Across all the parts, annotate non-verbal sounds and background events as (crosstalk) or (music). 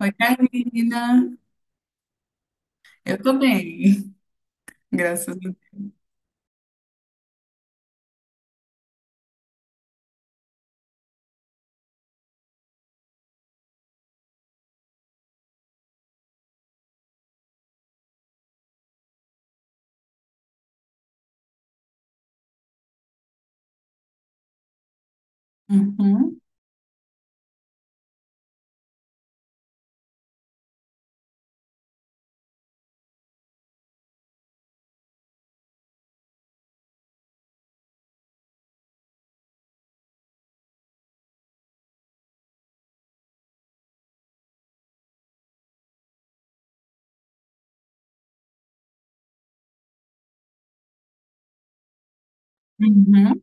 Oi, Carolina. Eu tô bem, (laughs) graças a Deus. Uhum. Uhum.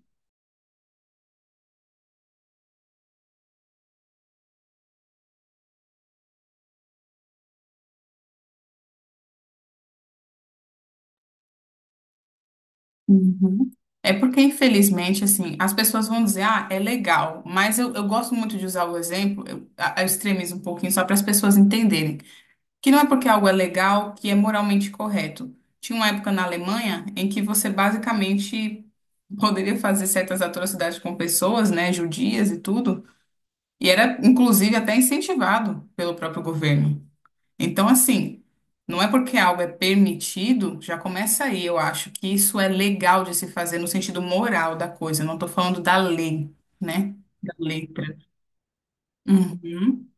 Uhum. É porque, infelizmente, assim, as pessoas vão dizer, ah, é legal, mas eu gosto muito de usar o exemplo, eu extremizo um pouquinho só para as pessoas entenderem, que não é porque algo é legal que é moralmente correto. Tinha uma época na Alemanha em que você basicamente poderia fazer certas atrocidades com pessoas, né, judias e tudo, e era, inclusive, até incentivado pelo próprio governo. Então, assim, não é porque algo é permitido, já começa aí. Eu acho que isso é legal de se fazer no sentido moral da coisa. Eu não estou falando da lei, né? Da letra. Uhum.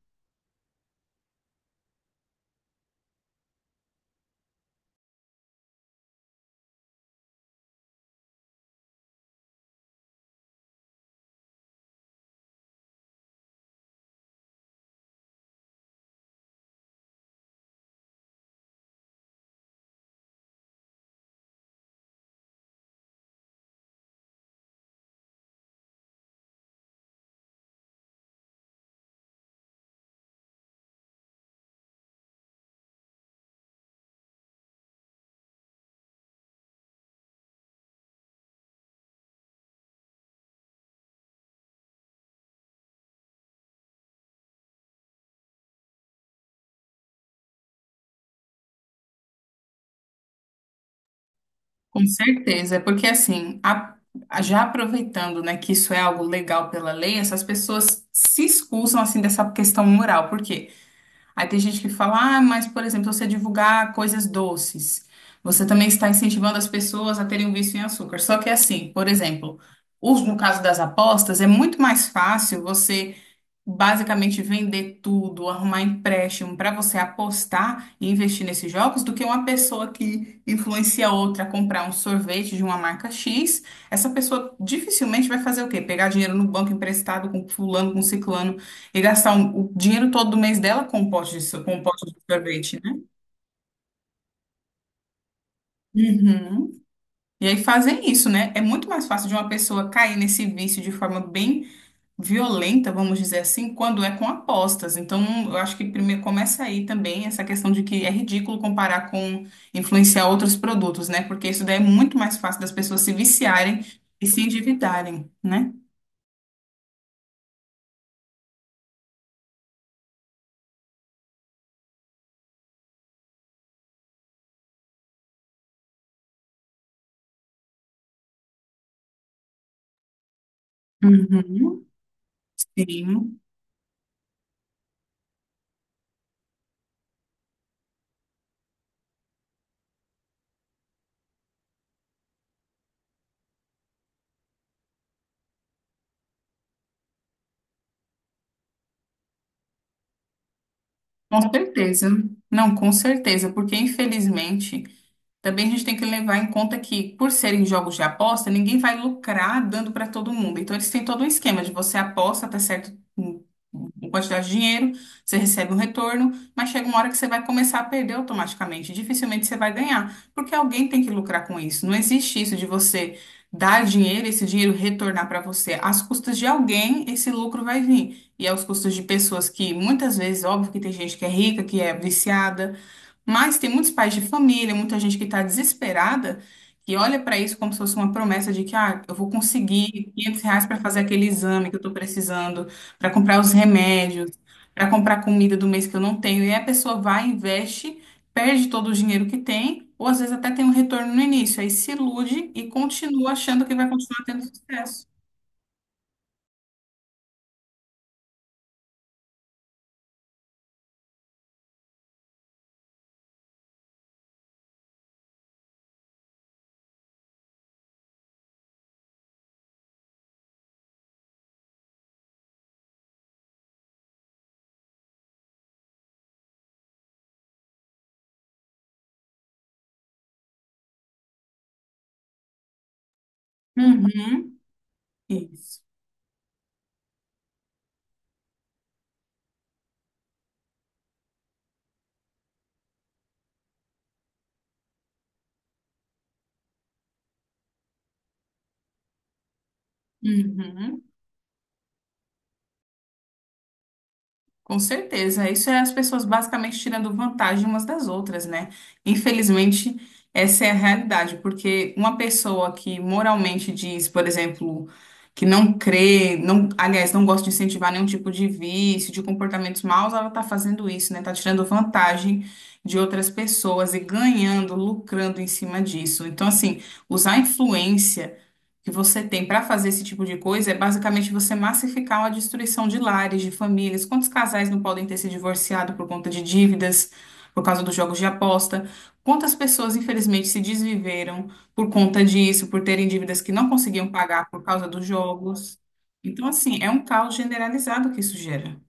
Com certeza. É porque, assim, já aproveitando, né, que isso é algo legal pela lei, essas pessoas se excusam, assim, dessa questão moral. Porque Aí tem gente que fala, ah, mas, por exemplo, você divulgar coisas doces, você também está incentivando as pessoas a terem um vício em açúcar. Só que é assim, por exemplo, no caso das apostas, é muito mais fácil você basicamente vender tudo, arrumar empréstimo para você apostar e investir nesses jogos, do que uma pessoa que influencia outra a comprar um sorvete de uma marca X. Essa pessoa dificilmente vai fazer o quê? Pegar dinheiro no banco emprestado com fulano, com ciclano e gastar o dinheiro todo do mês dela com um pote de sorvete, né? Uhum. E aí fazem isso, né? É muito mais fácil de uma pessoa cair nesse vício de forma bem violenta, vamos dizer assim, quando é com apostas. Então, eu acho que primeiro começa aí também essa questão de que é ridículo comparar com influenciar outros produtos, né? Porque isso daí é muito mais fácil das pessoas se viciarem e se endividarem, né? Uhum. Sim. Com certeza. Não, com certeza, porque infelizmente. Também a gente tem que levar em conta que, por serem jogos de aposta, ninguém vai lucrar dando para todo mundo. Então, eles têm todo um esquema de você aposta até certo uma quantidade de dinheiro, você recebe um retorno, mas chega uma hora que você vai começar a perder automaticamente. Dificilmente você vai ganhar, porque alguém tem que lucrar com isso. Não existe isso de você dar dinheiro, esse dinheiro retornar para você. Às custas de alguém, esse lucro vai vir. E aos custos de pessoas que muitas vezes, óbvio que tem gente que é rica, que é viciada. Mas tem muitos pais de família, muita gente que está desesperada, que olha para isso como se fosse uma promessa de que ah, eu vou conseguir R$ 500 para fazer aquele exame que eu estou precisando, para comprar os remédios, para comprar comida do mês que eu não tenho. E aí a pessoa vai, investe, perde todo o dinheiro que tem, ou às vezes até tem um retorno no início, aí se ilude e continua achando que vai continuar tendo sucesso. Uhum. Isso. Uhum. Com certeza, isso é as pessoas basicamente tirando vantagem umas das outras, né? Infelizmente, essa é a realidade, porque uma pessoa que moralmente diz, por exemplo, que não crê, não, aliás, não gosta de incentivar nenhum tipo de vício, de comportamentos maus, ela tá fazendo isso, né? Tá tirando vantagem de outras pessoas e ganhando, lucrando em cima disso. Então, assim, usar a influência que você tem para fazer esse tipo de coisa é basicamente você massificar uma destruição de lares, de famílias. Quantos casais não podem ter se divorciado por conta de dívidas, por causa dos jogos de aposta? Quantas pessoas, infelizmente, se desviveram por conta disso, por terem dívidas que não conseguiam pagar por causa dos jogos? Então, assim, é um caos generalizado que isso gera.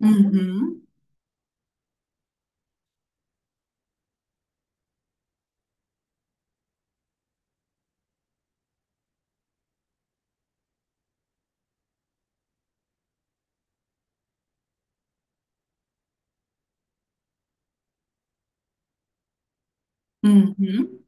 Uhum. Uhum.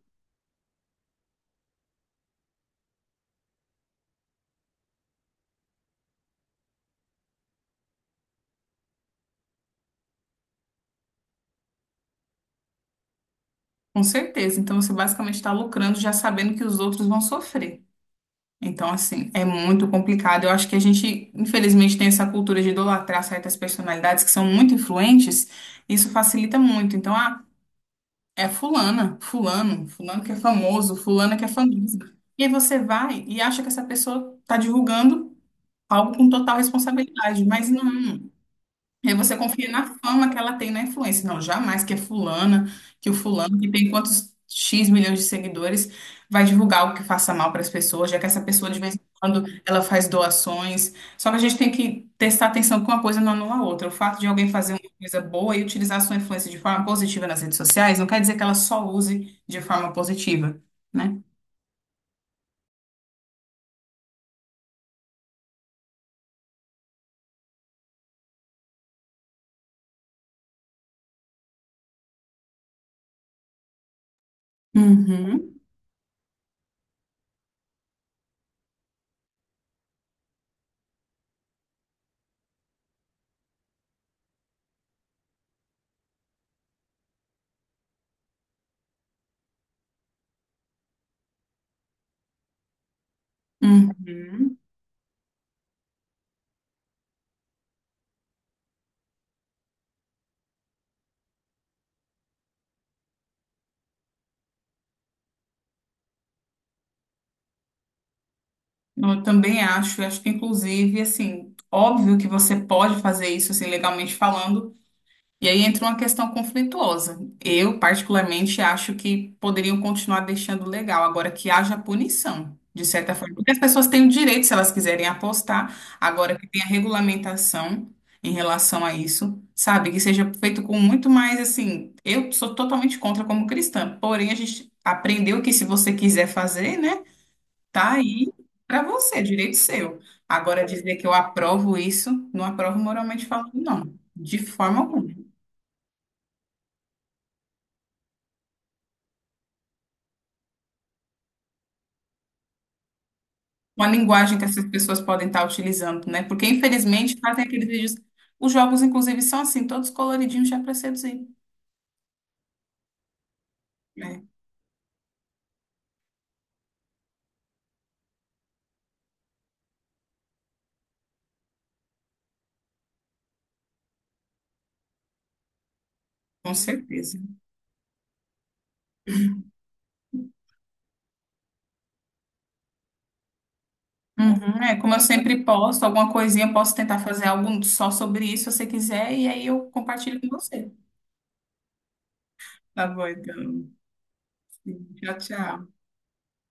Com certeza. Então, você basicamente está lucrando já sabendo que os outros vão sofrer. Então, assim, é muito complicado. Eu acho que a gente, infelizmente, tem essa cultura de idolatrar certas personalidades que são muito influentes. Isso facilita muito. Então, ah, é fulana, fulano, fulano que é famoso, fulana que é famosa. E aí você vai e acha que essa pessoa está divulgando algo com total responsabilidade, mas não. E aí você confia na fama que ela tem na influência. Não, jamais que é fulana, que o fulano que tem quantos X milhões de seguidores vai divulgar algo que faça mal para as pessoas, já que essa pessoa de vez em quando ela faz doações. Só que a gente tem que prestar atenção que uma coisa não anula a outra. O fato de alguém fazer uma coisa boa e utilizar a sua influência de forma positiva nas redes sociais não quer dizer que ela só use de forma positiva, né? Uhum. Uhum. Não, eu também acho, eu acho que inclusive, assim, óbvio que você pode fazer isso, assim, legalmente falando, e aí entra uma questão conflituosa. Eu, particularmente, acho que poderiam continuar deixando legal, agora que haja punição, de certa forma. Porque as pessoas têm o direito, se elas quiserem apostar, agora que tem a regulamentação em relação a isso, sabe? Que seja feito com muito mais, assim, eu sou totalmente contra como cristã, porém a gente aprendeu que se você quiser fazer, né? Tá aí para você, direito seu. Agora, dizer que eu aprovo isso, não aprovo moralmente falando, não. De forma alguma. Uma linguagem que essas pessoas podem estar utilizando, né? Porque, infelizmente, fazem aqueles vídeos. Os jogos, inclusive, são assim, todos coloridinhos já para seduzir, né? Com certeza. Uhum. É, como eu sempre posto, alguma coisinha, eu posso tentar fazer algo só sobre isso, se você quiser, e aí eu compartilho com você. Tá bom, então. Sim, tchau, tchau.